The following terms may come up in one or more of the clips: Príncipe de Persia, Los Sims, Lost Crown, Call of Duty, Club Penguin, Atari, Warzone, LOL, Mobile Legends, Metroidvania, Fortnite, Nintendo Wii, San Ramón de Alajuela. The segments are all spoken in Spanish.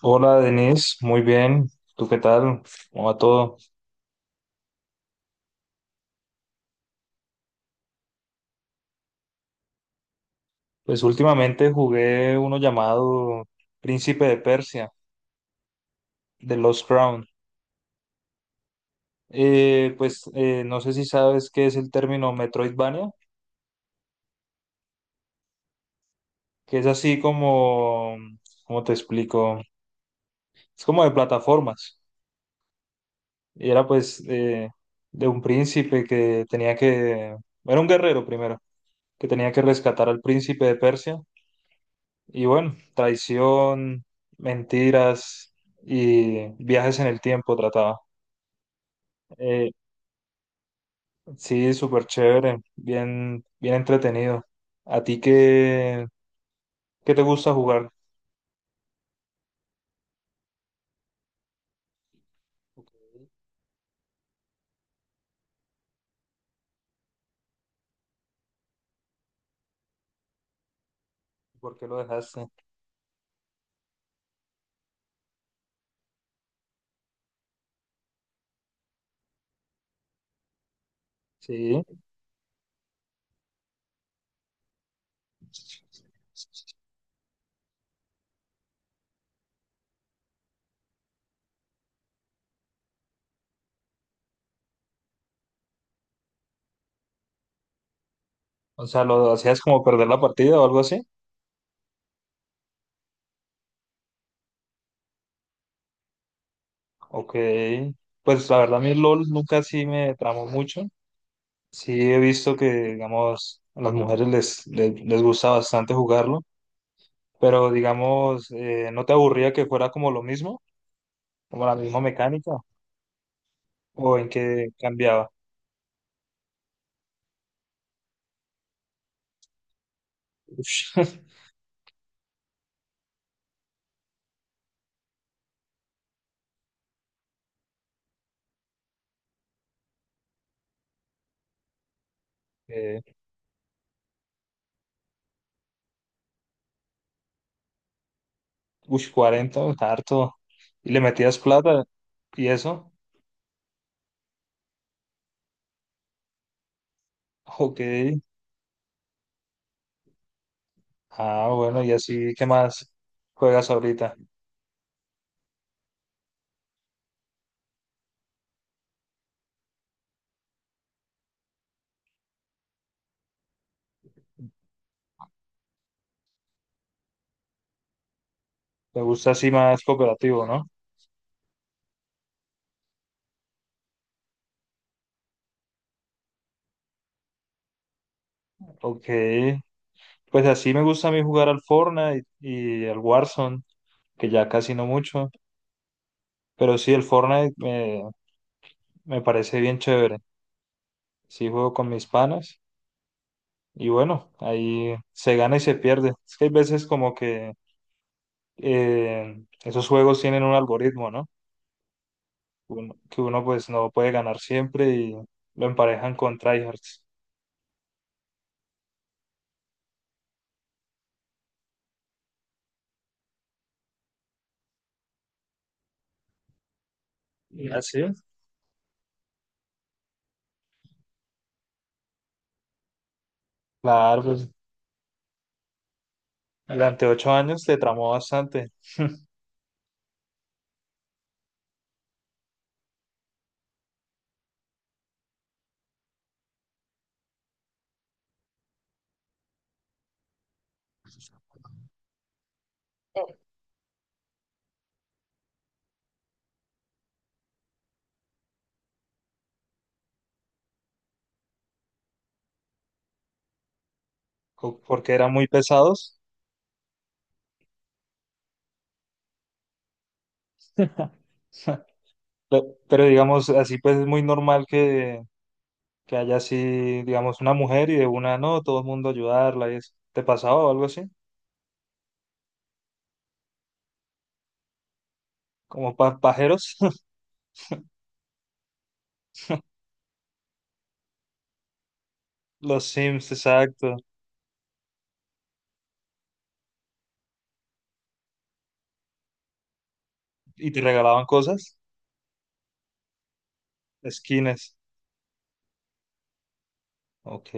Hola Denise, muy bien. ¿Tú qué tal? ¿Cómo va todo? Pues últimamente jugué uno llamado Príncipe de Persia, de Lost Crown. No sé si sabes qué es el término Metroidvania, que es así como, ¿cómo te explico? Es como de plataformas. Y era de un príncipe que tenía que, era un guerrero primero, que tenía que rescatar al príncipe de Persia. Y bueno, traición, mentiras y viajes en el tiempo trataba. Eh, sí, súper chévere, bien, bien entretenido. ¿A ti qué, qué te gusta jugar? Ok. ¿Por qué lo dejaste? Sí, o sea, ¿lo hacías como perder la partida o algo así? Ok, pues la verdad a mí el LOL nunca sí me tramó mucho. Sí he visto que, digamos, a las mujeres les gusta bastante jugarlo. Pero digamos, ¿no te aburría que fuera como lo mismo? ¿Como la misma mecánica? ¿O en qué cambiaba? Ush, eh, ush, 40, harto. ¿Y le metías plata? ¿Y eso? Ok. Ah, bueno, y así, ¿qué más juegas ahorita? Me gusta así más cooperativo, ¿no? Ok. Pues así me gusta a mí jugar al Fortnite y al Warzone, que ya casi no mucho. Pero sí, el Fortnite me parece bien chévere. Sí juego con mis panas. Y bueno, ahí se gana y se pierde. Es que hay veces como que esos juegos tienen un algoritmo, ¿no? Que uno pues no puede ganar siempre y lo emparejan con tryhards. Y así claro, pues durante ocho años te tramó bastante, porque eran muy pesados. Pero, digamos, así pues es muy normal que haya así, digamos, una mujer y de una no, todo el mundo ayudarla y eso. ¿Te pasaba o algo así? ¿Como pajeros? Los Sims, exacto. ¿Y te regalaban cosas? Skins. Ok,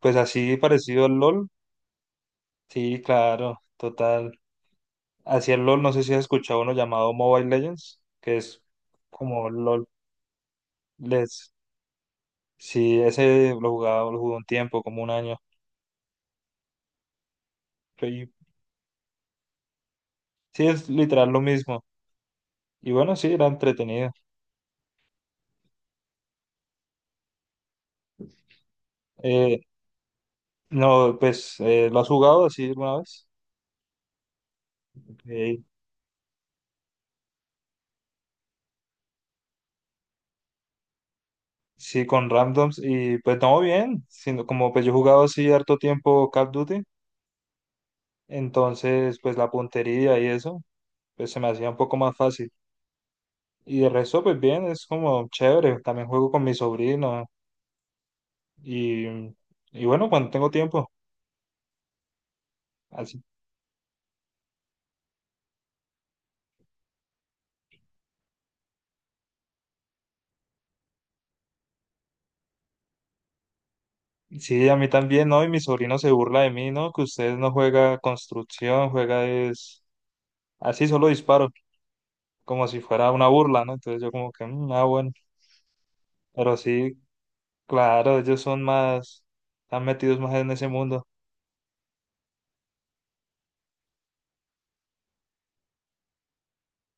pues así parecido al LOL. Sí, claro, total. Hacia el LOL, no sé si has escuchado uno llamado Mobile Legends, que es como LOL. Les... Sí, ese lo jugaba, lo jugué un tiempo, como un año. Y sí, es literal lo mismo. Y bueno, sí, era entretenido. Eh, no, ¿lo has jugado así alguna vez? Ok. Sí, con randoms y pues no bien, sino como pues yo he jugado así harto tiempo Call of Duty, entonces pues la puntería y eso, pues se me hacía un poco más fácil. Y de resto pues bien, es como chévere, también juego con mi sobrino y, y bueno, cuando tengo tiempo. Así. Sí, a mí también, ¿no? Y mi sobrino se burla de mí, ¿no? Que usted no juega construcción, juega es así solo disparo, como si fuera una burla, ¿no? Entonces yo como que, "Mm, ah, bueno, pero sí, claro, están metidos más en ese mundo.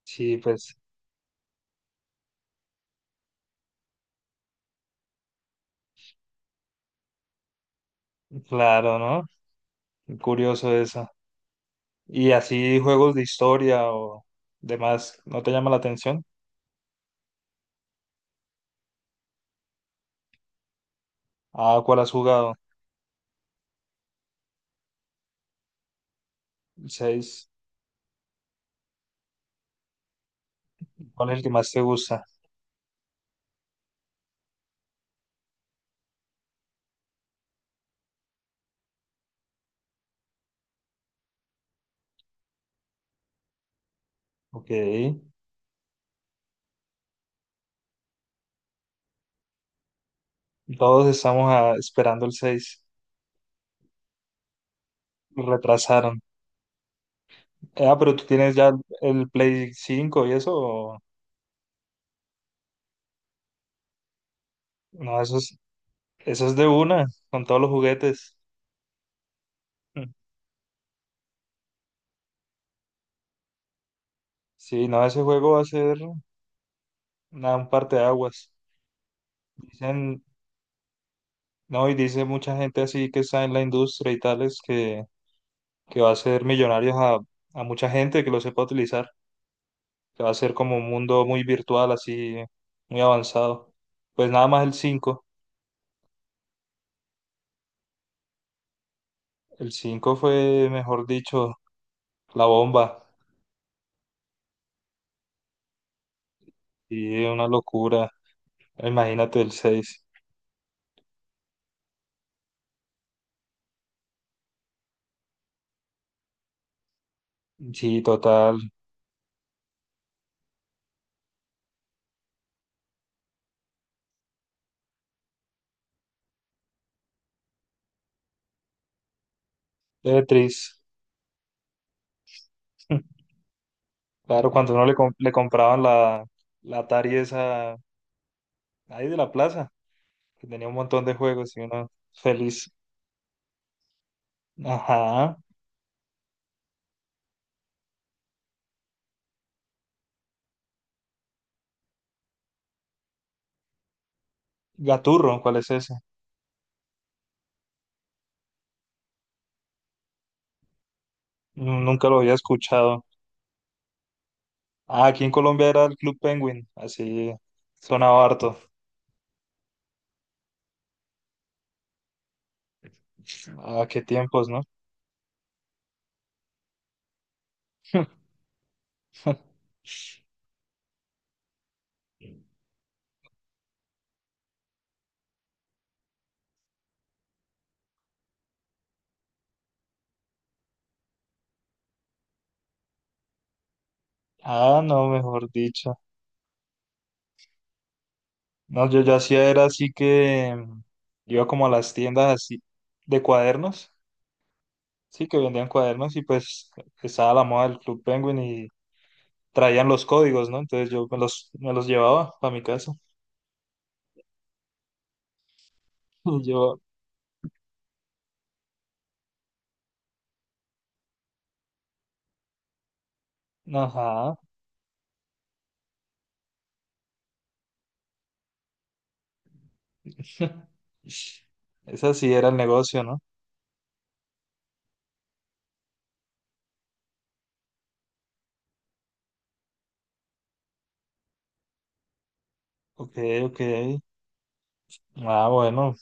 Sí, pues, claro, ¿no? Curioso eso. ¿Y así juegos de historia o demás, no te llama la atención? Ah, ¿cuál has jugado? Seis. ¿Cuál es el que más te gusta? Ok. Todos estamos ah, esperando el 6. Retrasaron. Ah, pero tú tienes ya el Play 5 y eso. No, eso es de una, con todos los juguetes. Sí, no, ese juego va a ser nada, un parteaguas. Dicen, no, y dice mucha gente así que está en la industria y tales que va a hacer millonarios a mucha gente que lo sepa utilizar, que va a ser como un mundo muy virtual, así, muy avanzado. Pues nada más el cinco. El 5 fue, mejor dicho, la bomba. Y una locura. Imagínate el seis. Sí, total. Tetris. Claro, cuando uno le compraban la Atari esa ahí de la plaza, que tenía un montón de juegos y uno feliz. Ajá. Gaturro, ¿cuál es ese? No, nunca lo había escuchado. Ah, aquí en Colombia era el Club Penguin, así sonaba harto. Ah, qué tiempos, ¿no? Ah, no, mejor dicho. No, yo ya hacía era así que mm, iba como a las tiendas así de cuadernos, sí, que vendían cuadernos y pues estaba la moda del Club Penguin y traían los códigos, ¿no? Entonces yo me los llevaba para mi casa. Y yo, ajá, ese sí era el negocio, ¿no? Ok, ok. Ah, bueno,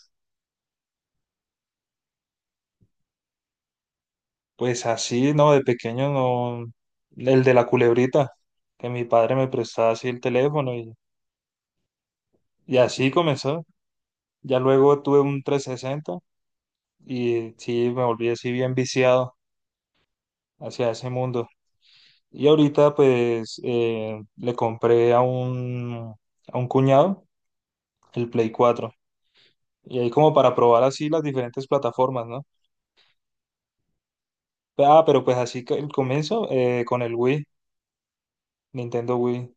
pues así, ¿no? De pequeño no, el de la culebrita, que mi padre me prestaba así el teléfono y así comenzó. Ya luego tuve un 360 y sí, me volví así bien viciado hacia ese mundo. Y ahorita le compré a a un cuñado el Play 4 y ahí como para probar así las diferentes plataformas, ¿no? Ah, pero pues así que el comienzo con el Wii, Nintendo Wii,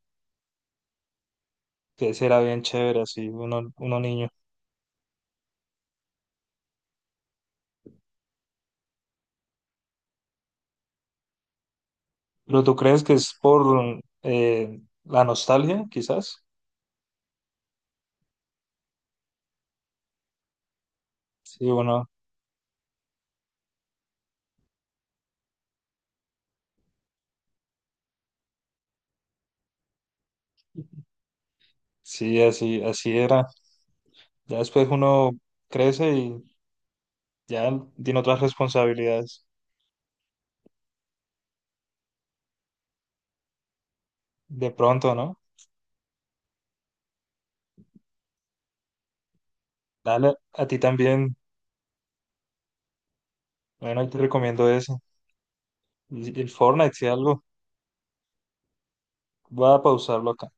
que será bien chévere así, uno, uno niño. ¿Pero tú crees que es por la nostalgia, quizás? Sí, uno, sí, así, así era. Ya después uno crece y ya tiene otras responsabilidades. De pronto, ¿no? Dale, a ti también. Bueno, yo te recomiendo eso. Y el Fortnite, si algo, voy a pausarlo acá.